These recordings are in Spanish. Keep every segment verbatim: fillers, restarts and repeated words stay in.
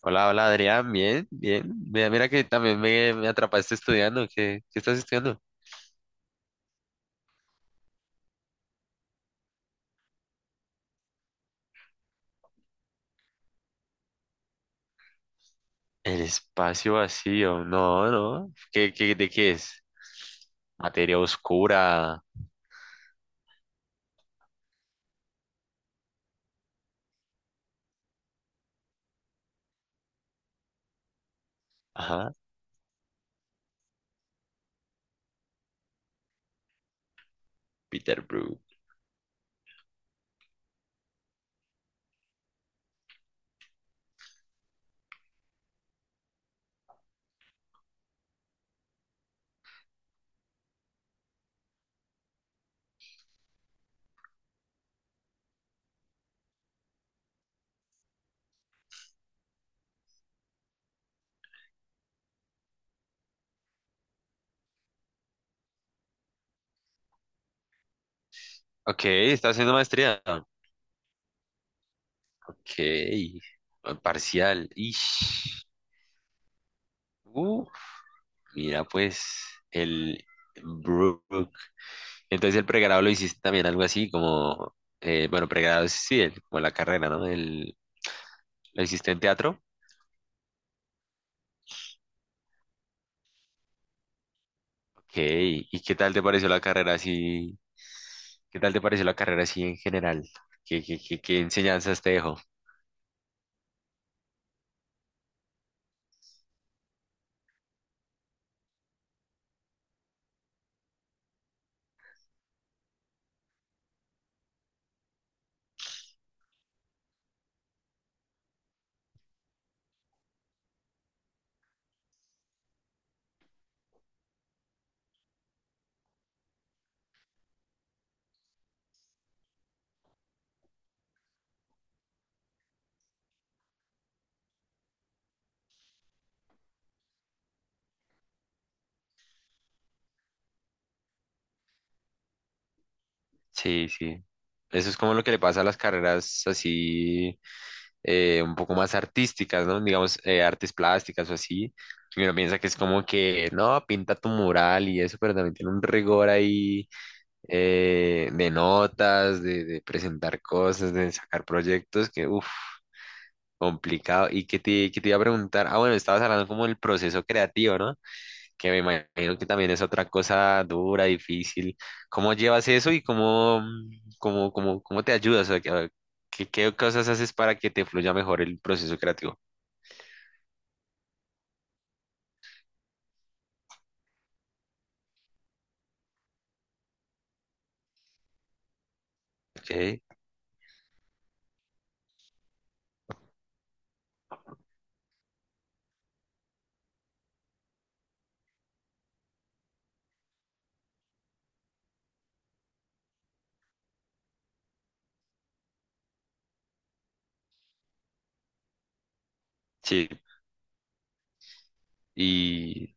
Hola, hola Adrián, bien, bien. Mira, mira que también me, me atrapaste estudiando. ¿Qué, qué estás estudiando? El espacio vacío. No, no. ¿Qué, qué, de qué es? Materia oscura. Ajá. Peter Brook. Ok, está haciendo maestría. Ok. Parcial. Ish. Uf, mira, pues, el Brook. Entonces el pregrado lo hiciste también algo así como, eh, bueno, pregrado es, sí, el- como la carrera, ¿no? El, ¿lo hiciste en teatro? Ok, ¿y qué tal te pareció la carrera así? ¿Qué tal te pareció la carrera así en general? ¿Qué, qué, qué, qué enseñanzas te dejó? Sí, sí. Eso es como lo que le pasa a las carreras así, eh, un poco más artísticas, ¿no? Digamos, eh, artes plásticas o así. Y uno piensa que es como que, no, pinta tu mural y eso, pero también tiene un rigor ahí eh, de notas, de, de presentar cosas, de sacar proyectos, que uff. Complicado. ¿Y qué te, qué te iba a preguntar? Ah, bueno, estabas hablando como del proceso creativo, ¿no? Que me imagino que también es otra cosa dura, difícil. ¿Cómo llevas eso y cómo, cómo, cómo, cómo te ayudas? O sea, que- ¿Qué, qué cosas haces para que te fluya mejor el proceso creativo? Ok, sí. Y,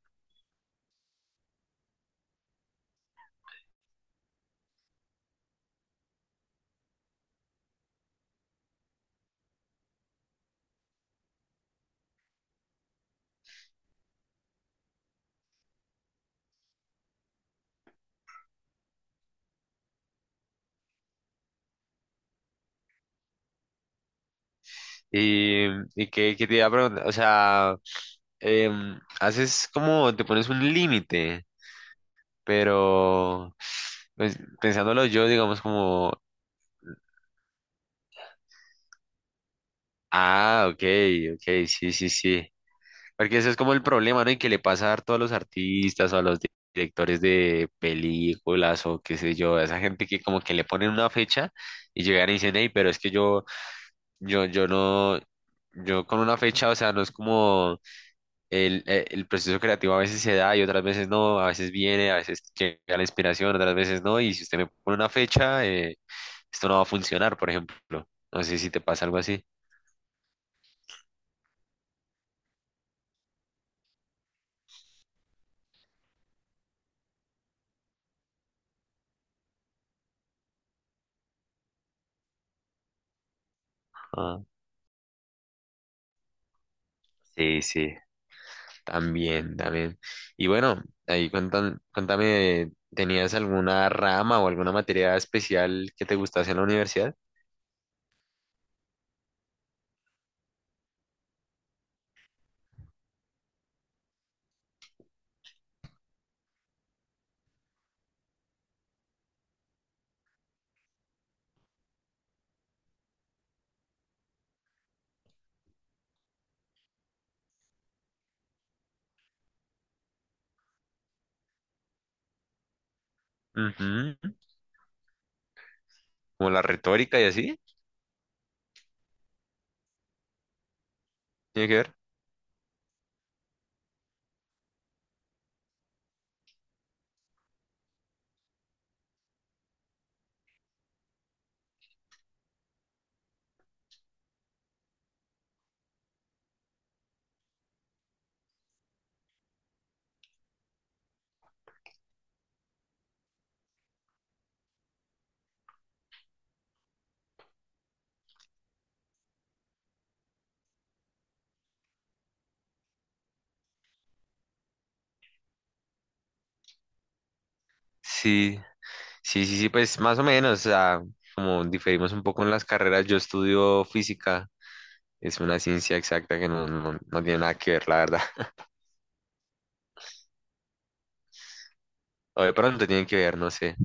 y, y qué, qué te iba a preguntar, o sea, em, haces como, te pones un límite, pero pues, pensándolo yo, digamos como. Ah, ok, ok, sí, sí, sí. Porque eso es como el problema, ¿no? Y que le pasa harto a todos los artistas o a los di- directores de películas o qué sé yo, a esa gente que como que le ponen una fecha y llegan y dicen, hey, pero es que yo, yo, yo no, yo con una fecha, o sea, no es como el, eh, el proceso creativo a veces se da y otras veces no, a veces viene, a veces llega la inspiración, otras veces no, y si usted me pone una fecha, eh, esto no va a funcionar, por ejemplo. No sé si te pasa algo así. Ah, sí, sí. También, también. Y bueno, ahí cuentan, cuéntame, ¿tenías alguna rama o alguna materia especial que te gustase en la universidad? Ujú. Como la retórica y así, ¿tiene que ver? Sí, sí, sí, sí, pues más o menos, o sea, como diferimos un poco en las carreras, yo estudio física, es una ciencia exacta que no, no, no tiene nada que ver, la verdad. O de pronto tienen que ver, no sé.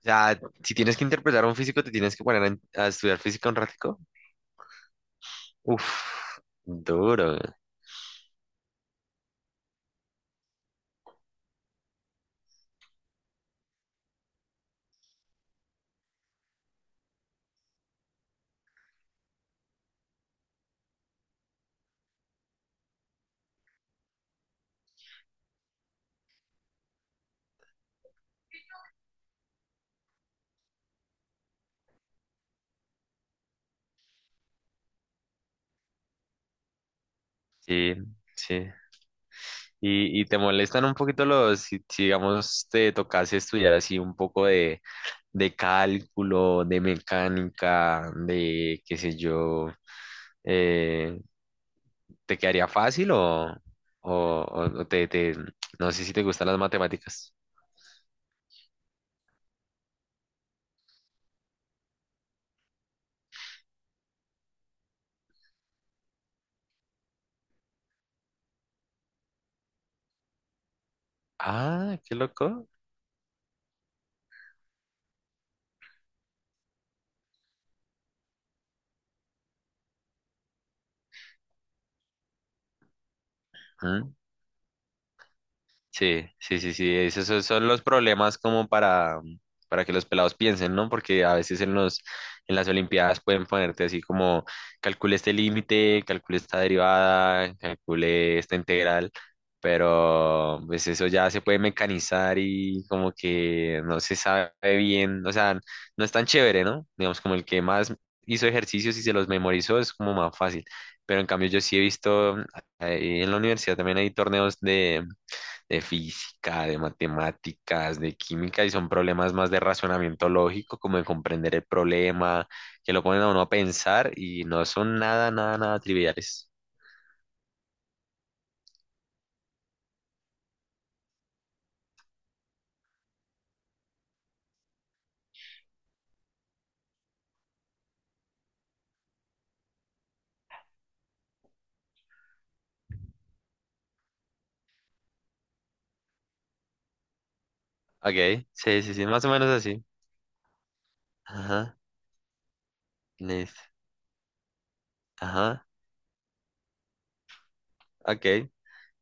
O sea, si tienes que interpretar a un físico, te tienes que poner a, a estudiar física un ratico. Uf, duro. Sí, sí. Y, y te molestan un poquito los, si, si, digamos, te tocase estudiar así un poco de, de cálculo, de mecánica, de qué sé yo, eh, ¿te quedaría fácil o, o- o- o te, te- no sé si te gustan las matemáticas? Ah, qué loco. Sí, sí, sí, sí. Esos son son los problemas como para, para que los pelados piensen, ¿no? Porque a veces en los, en las Olimpiadas pueden ponerte así como calcule este límite, calcule esta derivada, calcule esta integral, pero pues eso ya se puede mecanizar y como que no se sabe bien, o sea, no es tan chévere, ¿no? Digamos como el que más hizo ejercicios y se los memorizó es como más fácil. Pero en cambio yo sí he visto eh, en la universidad también hay torneos de de física, de matemáticas, de química, y son problemas más de razonamiento lógico, como de comprender el problema, que lo ponen a uno a pensar y no son nada, nada, nada triviales. Ok, sí, sí, sí, más o menos así. Ajá, listo. Ajá, ok.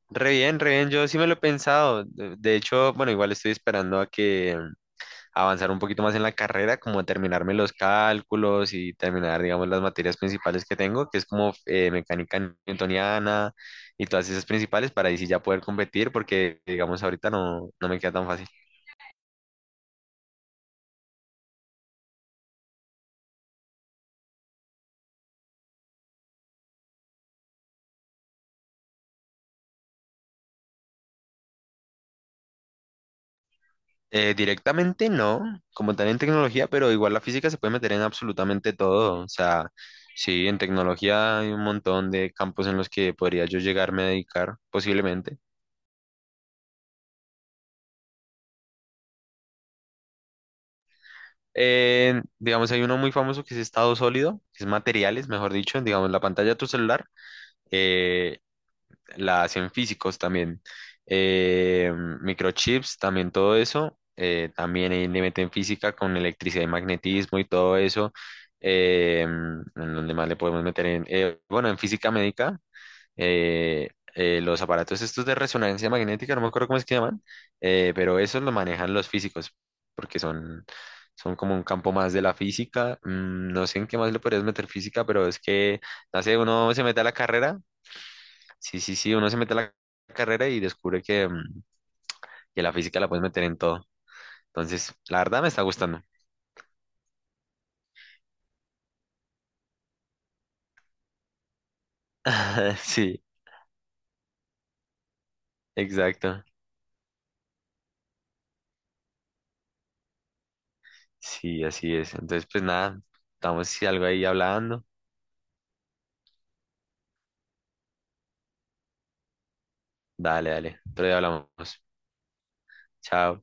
Re bien, re bien, yo sí me lo he pensado. De de hecho, bueno, igual estoy esperando a que avanzar un poquito más en la carrera, como terminarme los cálculos y terminar, digamos, las materias principales que tengo, que es como eh, mecánica newtoniana y todas esas principales, para ahí sí ya poder competir, porque, digamos, ahorita no, no me queda tan fácil. Eh, directamente no, como tal en tecnología, pero igual la física se puede meter en absolutamente todo, o sea... Sí, en tecnología hay un montón de campos en los que podría yo llegarme a dedicar posiblemente. Eh, digamos, hay uno muy famoso que es estado sólido, que es materiales, mejor dicho, digamos, la pantalla de tu celular, eh, la hacen físicos también, eh, microchips, también todo eso, eh, también ahí le meten física con electricidad y magnetismo y todo eso, eh, en donde más le podemos meter en, eh, bueno, en física médica, eh, eh, los aparatos estos de resonancia magnética, no me acuerdo cómo es que llaman, eh, pero eso lo manejan los físicos, porque son, son como un campo más de la física. Mm, no sé en qué más le podrías meter física, pero es que, no sé, uno se mete a la carrera, sí, sí, sí, uno se mete a la carrera y descubre que, mm, que la física la puedes meter en todo. Entonces, la verdad me está gustando. Sí, exacto. Sí, así es. Entonces, pues nada, estamos si algo ahí hablando. Dale, dale. Otro día hablamos. Chao.